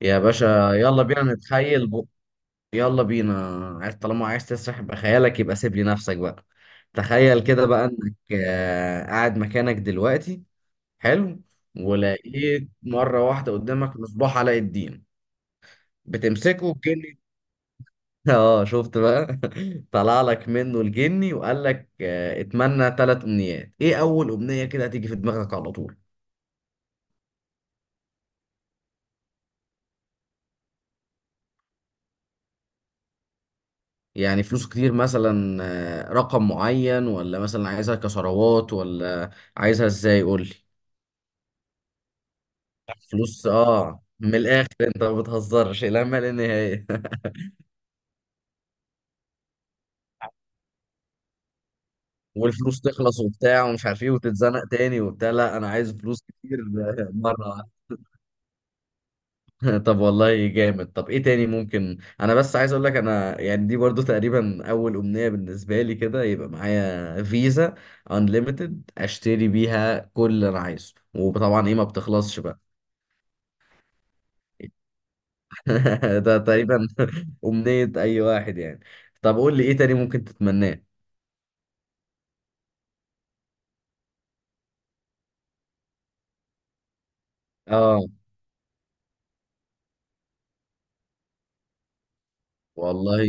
يا باشا، يلا بينا نتخيل يلا بينا. عايز طالما عايز تسرح بخيالك يبقى سيب لي نفسك بقى. تخيل كده بقى انك قاعد مكانك دلوقتي، حلو. ولقيت مرة واحدة قدامك مصباح علاء الدين بتمسكه الجني. اه، شفت بقى. طلع لك منه الجني وقال لك اتمنى 3 امنيات. ايه اول امنية كده هتيجي في دماغك على طول؟ يعني فلوس كتير مثلا، رقم معين ولا مثلا عايزها كثروات ولا عايزها ازاي، قول لي. فلوس، اه، من الاخر انت ما بتهزرش، لا ما لا نهايه. والفلوس تخلص وبتاع ومش عارف ايه وتتزنق تاني وبتاع، لا انا عايز فلوس كتير. مره واحدة. طب والله جامد. طب ايه تاني ممكن؟ انا بس عايز اقول لك، انا يعني دي برضو تقريبا اول امنيه بالنسبه لي كده، يبقى معايا فيزا انليمتد اشتري بيها كل اللي انا عايزه، وطبعا ايه، ما بتخلصش بقى. ده تقريبا أمنية أي واحد يعني. طب قول لي إيه تاني ممكن تتمناه؟ آه والله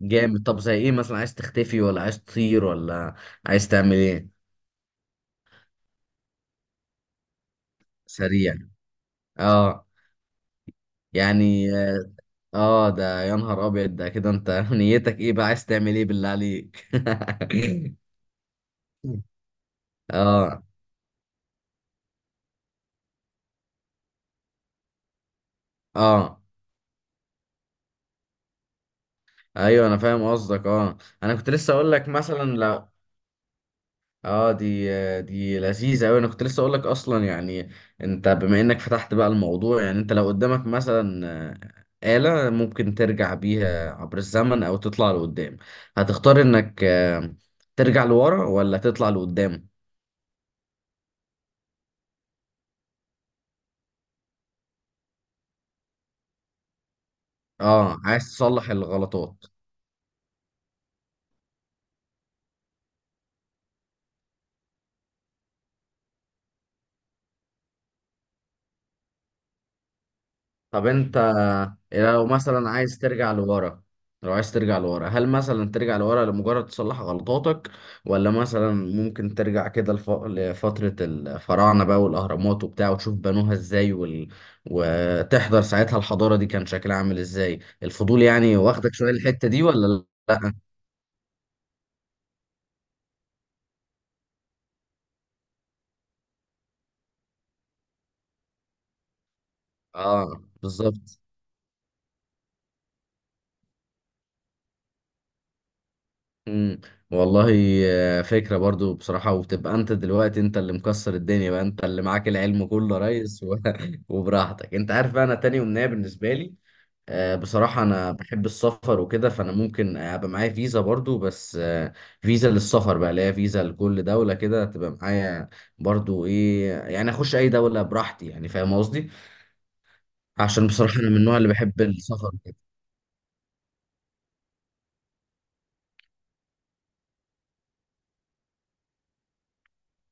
جامد. طب زي إيه مثلا، عايز تختفي ولا عايز تطير ولا عايز تعمل إيه؟ سريع، آه. يعني آه، ده يا نهار أبيض، ده كده أنت نيتك إيه بقى، عايز تعمل إيه بالله عليك؟ اه. اه ايوه، انا فاهم قصدك، اه. انا كنت لسه اقول لك مثلا، اه. دي لذيذة أوي. أنا كنت لسه أقول لك أصلا يعني، أنت بما إنك فتحت بقى الموضوع، يعني أنت لو قدامك مثلا آلة ممكن ترجع بيها عبر الزمن أو تطلع لقدام، هتختار إنك ترجع لورا ولا تطلع لقدام؟ اه، عايز تصلح الغلطات. طب انت إيه لو مثلا عايز ترجع لورا، لو عايز ترجع لورا هل مثلا ترجع لورا لمجرد تصلح غلطاتك، ولا مثلا ممكن ترجع كده لفترة الفراعنة بقى والأهرامات وبتاع، وتشوف بنوها ازاي، وتحضر ساعتها الحضارة دي كان شكلها عامل ازاي، الفضول يعني واخدك شوية الحتة دي ولا؟ لا. اه بالظبط. امم، والله فكرة برضو بصراحة. وبتبقى انت دلوقتي انت اللي مكسر الدنيا بقى، انت اللي معاك العلم كله يا ريس و... وبراحتك. انت عارف بقى انا تاني امنية بالنسبة لي بصراحة انا بحب السفر وكده، فانا ممكن ابقى معايا فيزا برضو بس فيزا للسفر بقى، اللي هي فيزا لكل دولة كده تبقى معايا. برضو ايه يعني، اخش اي دولة براحتي، يعني فاهم قصدي؟ عشان بصراحة انا من النوع اللي بحب السفر.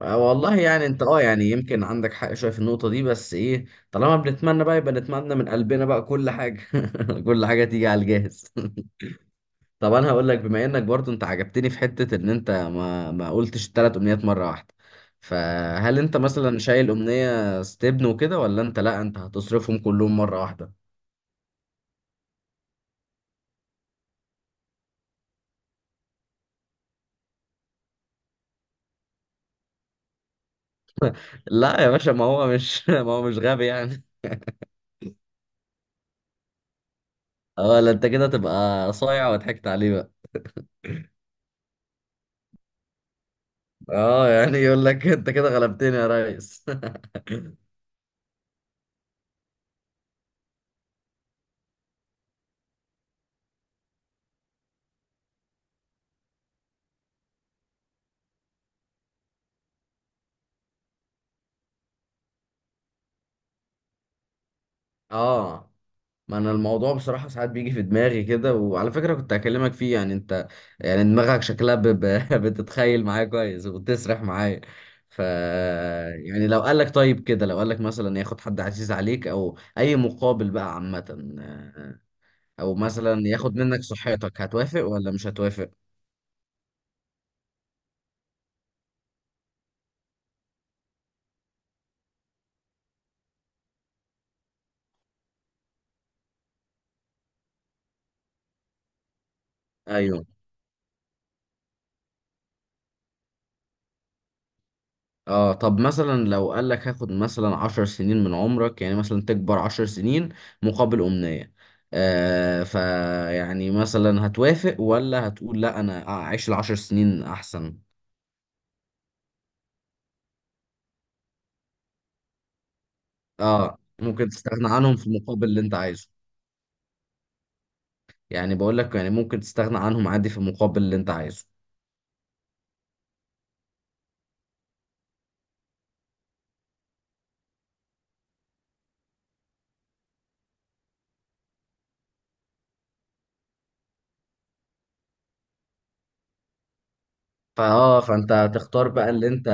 والله يعني انت اه، يعني يمكن عندك حق شويه في النقطه دي، بس ايه، طالما بنتمنى بقى، يبقى نتمنى من قلبنا بقى كل حاجه. كل حاجه تيجي على الجاهز. طب انا هقول لك، بما انك برضو انت عجبتني في حته ان انت ما قلتش الثلاث امنيات مره واحده، فهل انت مثلا شايل امنيه ستبن وكده، ولا انت لا انت هتصرفهم كلهم مره واحده؟ لا يا باشا، ما هو مش ما هو مش غبي يعني. اه لا، انت كده تبقى صايع وضحكت عليه بقى. اه يعني يقول لك انت كده غلبتني يا ريس. اه، ما انا الموضوع بصراحة ساعات بيجي في دماغي كده، وعلى فكرة كنت هكلمك فيه. يعني انت، يعني دماغك شكلها بتتخيل معايا كويس وبتسرح معايا. ف، يعني لو قالك طيب كده، لو قالك مثلا ياخد حد عزيز عليك او اي مقابل بقى عامة، او مثلا ياخد منك صحتك، هتوافق ولا مش هتوافق؟ ايوه. اه، طب مثلا لو قال لك هاخد مثلا عشر سنين من عمرك، يعني مثلا تكبر 10 سنين مقابل أمنية، آه، فيعني مثلا هتوافق ولا هتقول لا انا اعيش ال10 سنين احسن؟ اه ممكن تستغنى عنهم في المقابل اللي انت عايزه. يعني بقول لك يعني ممكن تستغنى عنهم عادي في المقابل اللي انت عايزه. فاه، فانت هتختار بقى اللي انت،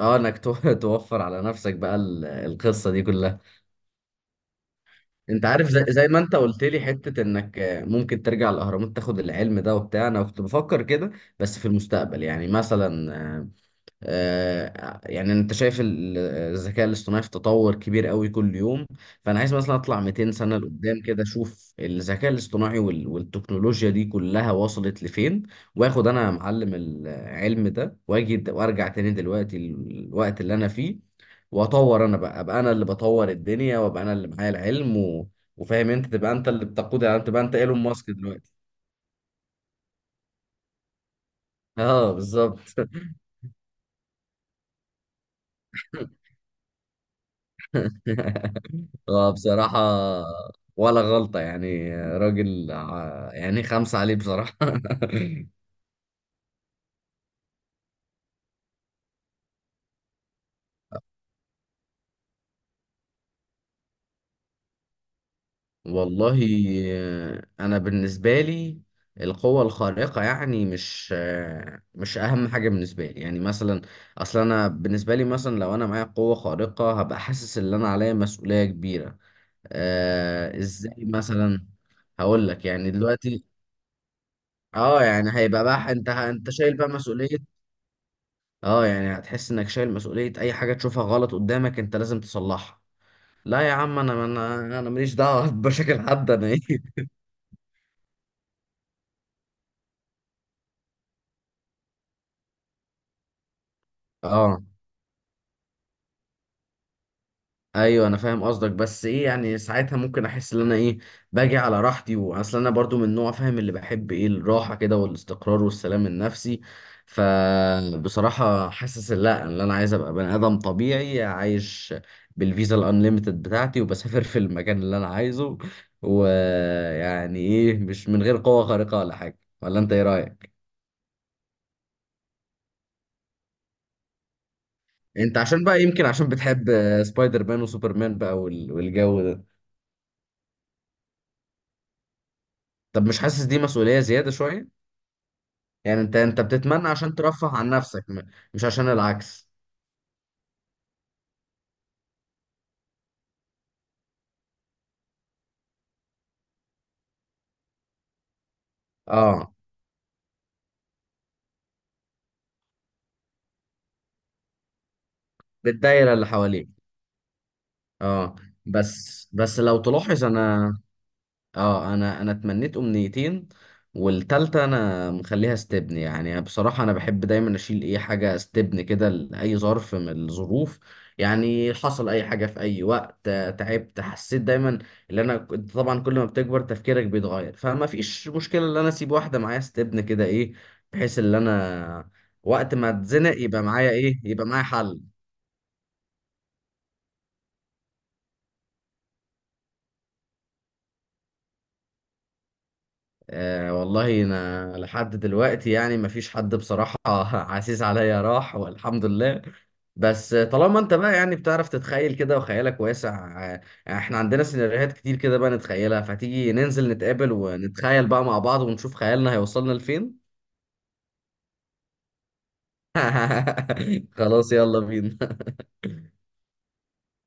اه، انك توفر على نفسك بقى القصة دي كلها. انت عارف زي، زي ما انت قلت لي حتة انك ممكن ترجع الاهرامات تاخد العلم ده وبتاع، انا كنت بفكر كده بس في المستقبل. يعني مثلا يعني انت شايف الذكاء الاصطناعي في تطور كبير قوي كل يوم، فانا عايز مثلا اطلع 200 سنة لقدام كده اشوف الذكاء الاصطناعي والتكنولوجيا دي كلها وصلت لفين. واخد انا يا معلم العلم ده، واجي وارجع تاني دلوقتي الوقت اللي انا فيه. واطور انا بقى، ابقى انا اللي بطور الدنيا، وابقى انا اللي معايا العلم و... وفاهم، انت تبقى انت اللي بتقود، يعني تبقى انت ايلون ماسك دلوقتي. اه بالظبط. هو بصراحة ولا غلطة يعني، راجل يعني خمسة عليه بصراحة. والله أنا بالنسبة لي القوة الخارقة يعني مش، مش أهم حاجة بالنسبة لي. يعني مثلا أصل أنا بالنسبة لي، مثلا لو أنا معايا قوة خارقة هبقى حاسس إن أنا عليا مسؤولية كبيرة. آه إزاي مثلا؟ هقول لك يعني دلوقتي، اه يعني هيبقى بقى انت شايل بقى مسؤولية. اه يعني هتحس انك شايل مسؤولية، اي حاجة تشوفها غلط قدامك انت لازم تصلحها. لا يا عم، انا ماليش دعوة بمشاكل حد، انا ايه. اه ايوه، انا فاهم قصدك، بس ايه يعني ساعتها ممكن احس ان انا ايه، باجي على راحتي. واصل انا برضو من نوع، فاهم، اللي بحب ايه الراحه كده والاستقرار والسلام النفسي. فبصراحه حاسس إن لا، ان انا عايز ابقى بني ادم طبيعي عايش بالفيزا الانليمتد بتاعتي، وبسافر في المكان اللي انا عايزه، ويعني ايه، مش من غير قوه خارقه ولا حاجه. ولا انت ايه رايك؟ انت عشان بقى يمكن عشان بتحب سبايدر مان وسوبرمان بقى والجو ده. طب مش حاسس دي مسؤوليه زياده شويه؟ يعني انت بتتمنى عشان ترفه عن نفسك، مش عشان العكس. اه، بالدايرة اللي حواليك. اه، بس لو تلاحظ انا، اه انا اتمنيت امنيتين، والتالتة انا مخليها استبن. يعني بصراحة انا بحب دايما اشيل اي حاجة استبن كده لأي ظرف من الظروف. يعني حصل اي حاجة في اي وقت، تعبت، حسيت دايما ان انا طبعا كل ما بتكبر تفكيرك بيتغير، فما فيش مشكلة ان انا اسيب واحدة معايا استبن كده، ايه، بحيث ان انا وقت ما اتزنق يبقى معايا ايه، يبقى معايا حل. آه والله انا لحد دلوقتي يعني مفيش حد بصراحة عزيز عليا راح والحمد لله. بس طالما انت بقى يعني بتعرف تتخيل كده وخيالك واسع، آه، احنا عندنا سيناريوهات كتير كده بقى نتخيلها، فتيجي ننزل نتقابل ونتخيل بقى مع بعض ونشوف خيالنا هيوصلنا لفين. خلاص يلا بينا.